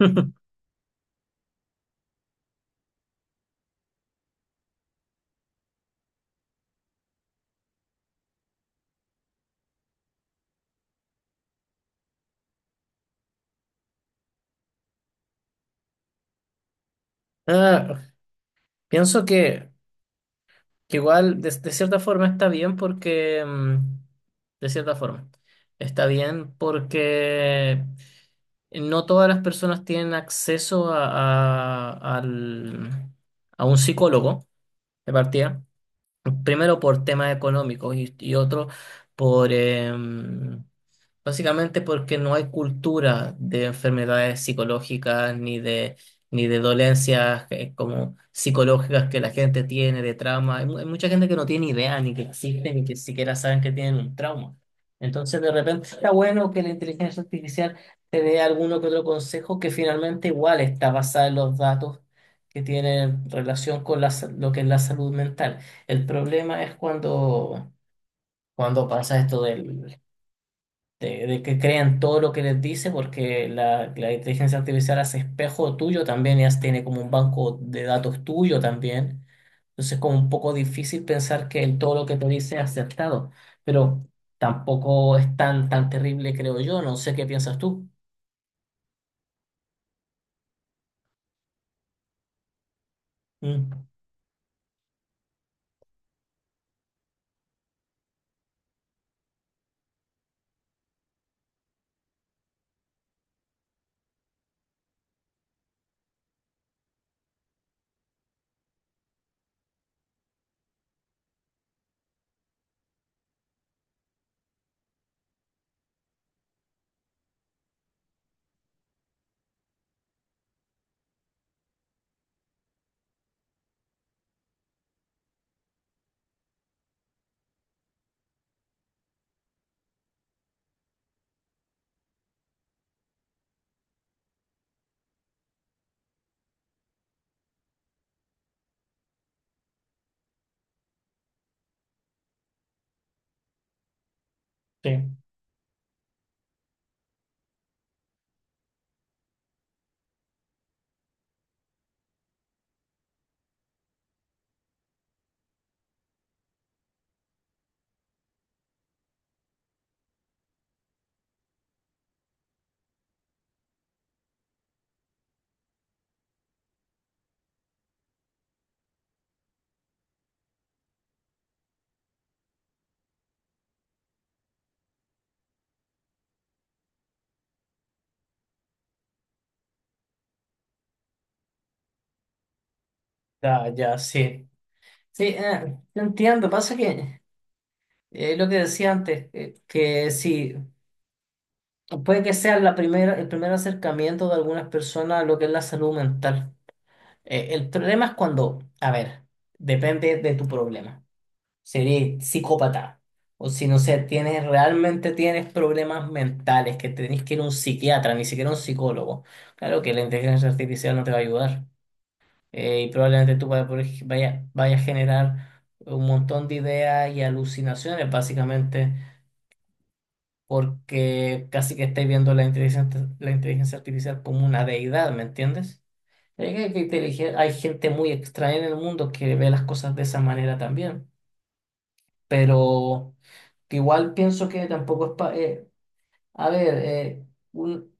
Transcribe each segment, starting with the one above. Ah, pienso que igual de cierta forma está bien porque, de cierta forma, está bien porque no todas las personas tienen acceso a, al- a un psicólogo de partida. Primero por temas económicos y otro por básicamente porque no hay cultura de enfermedades psicológicas ni de dolencias como psicológicas que la gente tiene, de trauma. Hay mucha gente que no tiene idea ni que existen ni que siquiera saben que tienen un trauma. Entonces, de repente está bueno que la inteligencia artificial te dé alguno que otro consejo que finalmente igual está basada en los datos que tienen relación con lo que es la salud mental. El problema es cuando pasa esto de que crean todo lo que les dice, porque la inteligencia artificial hace espejo tuyo también, ya tiene como un banco de datos tuyo también. Entonces es como un poco difícil pensar que todo lo que te dice es acertado, pero tampoco es tan terrible, creo yo. No sé qué piensas tú. Mm, sí, ya, sí. Sí, te entiendo. Pasa que lo que decía antes, que si puede que sea la primera, el primer acercamiento de algunas personas a lo que es la salud mental. El problema es cuando, a ver, depende de tu problema. Sería eres psicópata o si no sé, tienes realmente tienes problemas mentales que tenés que ir a un psiquiatra, ni siquiera un psicólogo. Claro que la inteligencia artificial no te va a ayudar. Y probablemente tú vaya, vaya a generar un montón de ideas y alucinaciones, básicamente, porque casi que estáis viendo la inteligencia artificial como una deidad, ¿me entiendes? Es que- hay que intelige- Hay gente muy extraña en el mundo que ve las cosas de esa manera también, pero que igual pienso que tampoco es a ver, eh, un-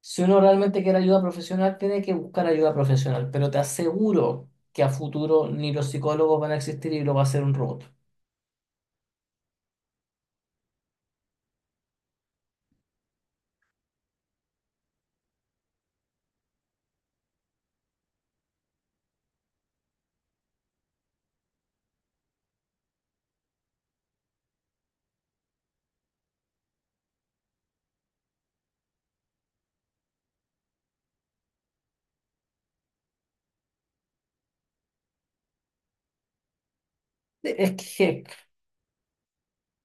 si uno realmente quiere ayuda profesional, tiene que buscar ayuda profesional, pero te aseguro que a futuro ni los psicólogos van a existir y lo va a hacer un robot. Es que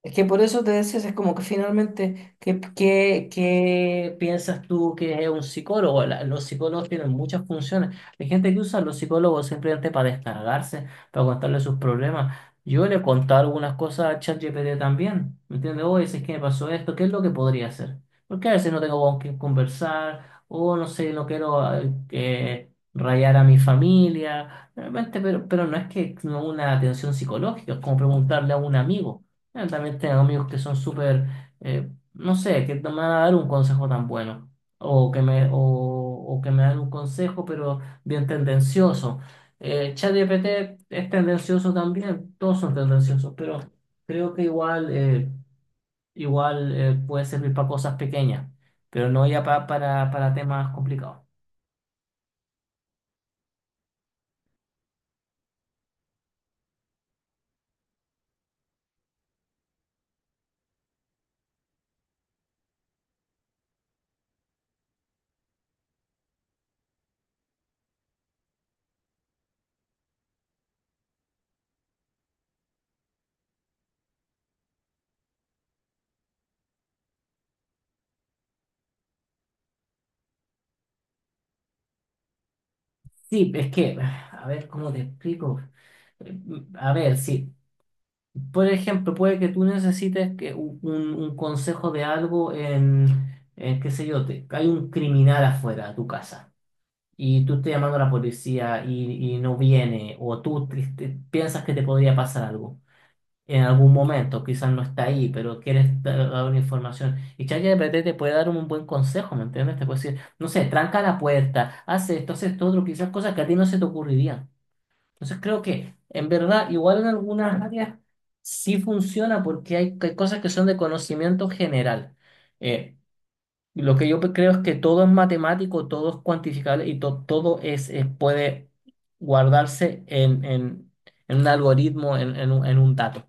Es que por eso te decías, es como que finalmente, ¿ qué piensas tú que es un psicólogo? Los psicólogos tienen muchas funciones. Hay gente que usa a los psicólogos simplemente para descargarse, para contarle sus problemas. Yo le he contado algunas cosas a ChatGPT también, ¿me entiendes? Oye, si es que me pasó esto, ¿qué es lo que podría hacer? Porque a veces no tengo con quién conversar, o no sé, no quiero que rayar a mi familia, realmente, pero no es que no una atención psicológica, es como preguntarle a un amigo. Yo también tengo amigos que son súper, no sé, que no me van a dar un consejo tan bueno. O que me dan un consejo, pero bien tendencioso. ChatGPT es tendencioso también, todos son tendenciosos, pero creo que igual puede servir para cosas pequeñas, pero no ya para temas complicados. Sí, es que, a ver, ¿cómo te explico? Eh, A ver, sí. Por ejemplo, puede que tú necesites un consejo de algo en qué sé yo, te, hay un criminal afuera de tu casa y tú estás llamando a la policía y no viene, o tú piensas que te podría pasar algo en algún momento, quizás no está ahí, pero quieres dar una información. Y ChatGPT te puede dar un buen consejo, ¿me entiendes? Te puede decir, no sé, tranca la puerta, haz esto, otro, quizás cosas que a ti no se te ocurrirían. Entonces creo que en verdad igual en algunas áreas sí funciona porque hay cosas que son de conocimiento general. Eh, lo que yo pe- Creo es que todo es matemático, todo es cuantificable y todo es, puede guardarse en un algoritmo, en un dato.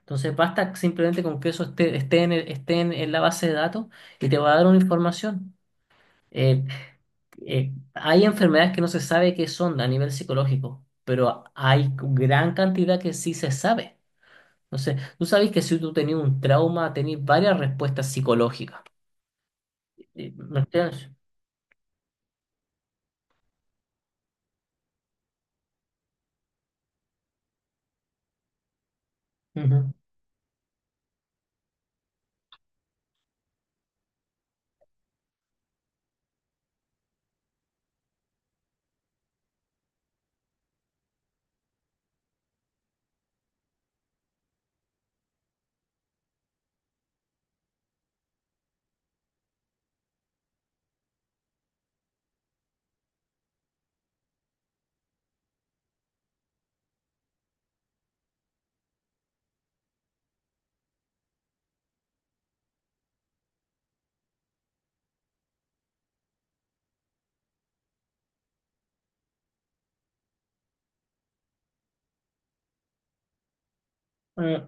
Entonces basta simplemente con que eso esté en en la base de datos y te va a dar una información. Eh, Hay enfermedades que no se sabe qué son a nivel psicológico, pero hay gran cantidad que sí se sabe. Entonces, tú sabes que si tú tenías un trauma, tenías varias respuestas psicológicas. ¿Me entiendes? Ujú. Eh,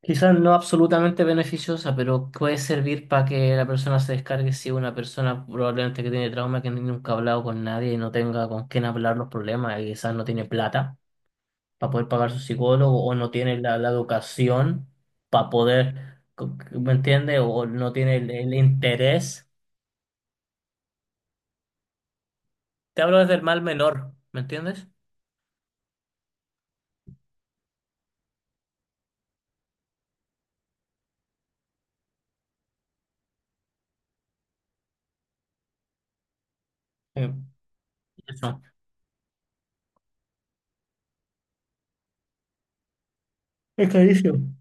Quizás no absolutamente beneficiosa, pero puede servir para que la persona se descargue si es una persona probablemente que tiene trauma, que nunca ha hablado con nadie y no tenga con quién hablar los problemas y quizás no tiene plata para poder pagar su psicólogo o no tiene la educación para poder, ¿me entiendes? O no tiene el interés. Te hablo desde el mal menor, ¿me entiendes? Sí. Eso. Es clarísimo.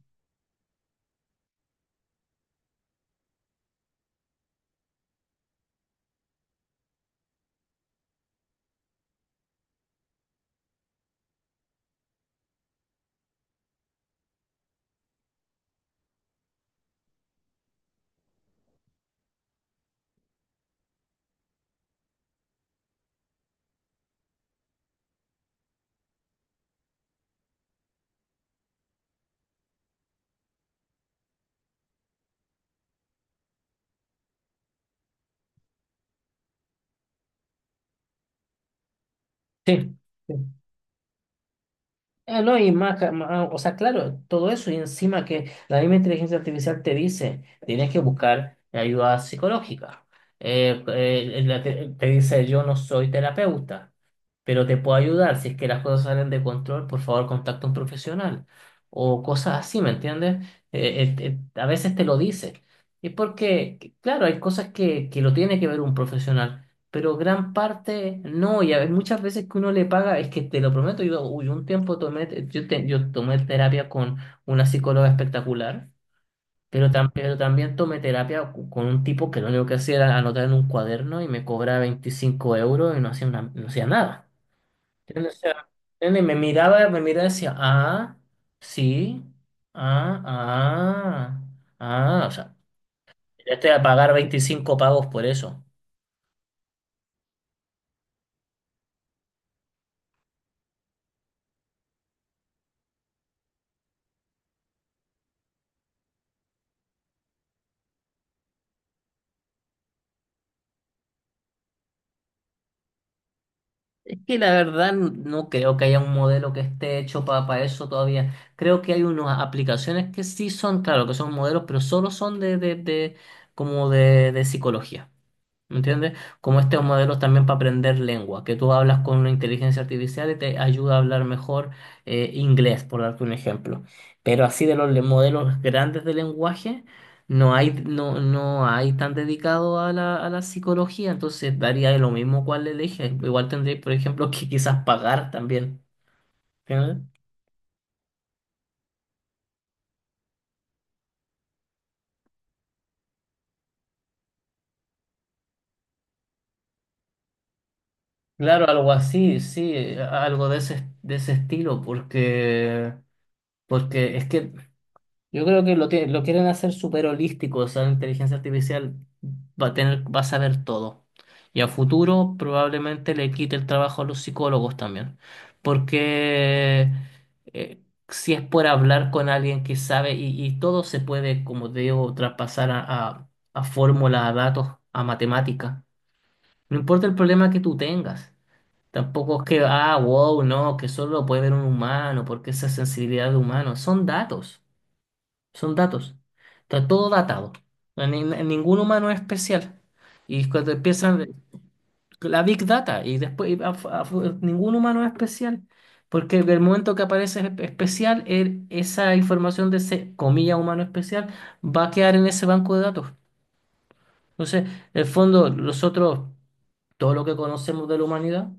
Sí. No, y más, ca- ma- ah, O sea, claro, todo eso y encima que la misma inteligencia artificial te dice, tienes que buscar ayuda psicológica. Te dice, yo no soy terapeuta, pero te puedo ayudar. Si es que las cosas salen de control, por favor, contacta a un profesional. O cosas así, ¿me entiendes? A veces te lo dice. Y porque, claro, hay cosas que lo tiene que ver un profesional pero gran parte no, y a veces, muchas veces que uno le paga, es que te lo prometo, yo hubo un tiempo tomé, te- yo tomé terapia con una psicóloga espectacular, pero también tomé terapia con un tipo que lo único que hacía era anotar en un cuaderno y me cobraba 25 euros y no hacía, no hacía nada. ¿Entiendes? O sea, ¿entiendes? Me miraba y decía, ah, sí, ah, ah, ah, o sea, ya estoy a pagar 25 pagos por eso. Es que la verdad no creo que haya un modelo que esté hecho para, eso todavía. Creo que hay unas aplicaciones que sí son, claro, que son modelos, pero solo son como de psicología. ¿Me entiendes? Como estos modelos también para aprender lengua, que tú hablas con una inteligencia artificial y te ayuda a hablar mejor inglés, por darte un ejemplo. Pero así de los modelos grandes de lenguaje, no hay tan dedicado a a la psicología, entonces daría lo mismo cuál elige. Igual tendréis, por ejemplo, que quizás pagar también. ¿Entiendes? Claro, algo así, sí, algo de de ese estilo, porque... Porque es que yo creo que lo quieren hacer súper holístico, o sea, la inteligencia artificial va a saber todo. Y a futuro probablemente le quite el trabajo a los psicólogos también. Porque eh, si es por hablar con alguien que sabe y todo se puede, como te digo, traspasar a fórmulas, a datos, a matemática. No importa el problema que tú tengas. Tampoco es que, ah, wow, no, que solo lo puede ver un humano, porque esa sensibilidad de humano. Son datos. Son datos. Está todo datado. Ningún humano es especial. Y cuando empiezan la Big Data, y después ningún humano es especial. Porque el momento que aparece especial, esa información de ese, comilla, humano especial, va a quedar en ese banco de datos. Entonces, en el fondo, nosotros, todo lo que conocemos de la humanidad,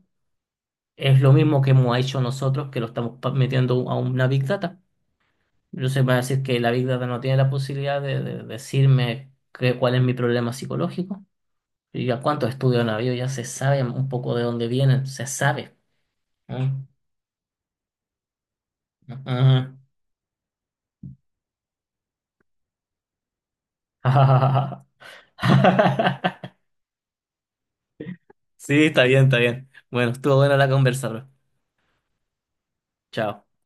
es lo mismo que hemos hecho nosotros, que lo estamos metiendo a una Big Data. Yo sé, va a decir que la Big Data no tiene la posibilidad de decirme cuál es mi problema psicológico. Y a cuántos estudios han habido, ya se sabe un poco de dónde vienen, se sabe. Mm, ujú. Sí, está bien, está bien. Bueno, estuvo buena la conversa, bro. Chao.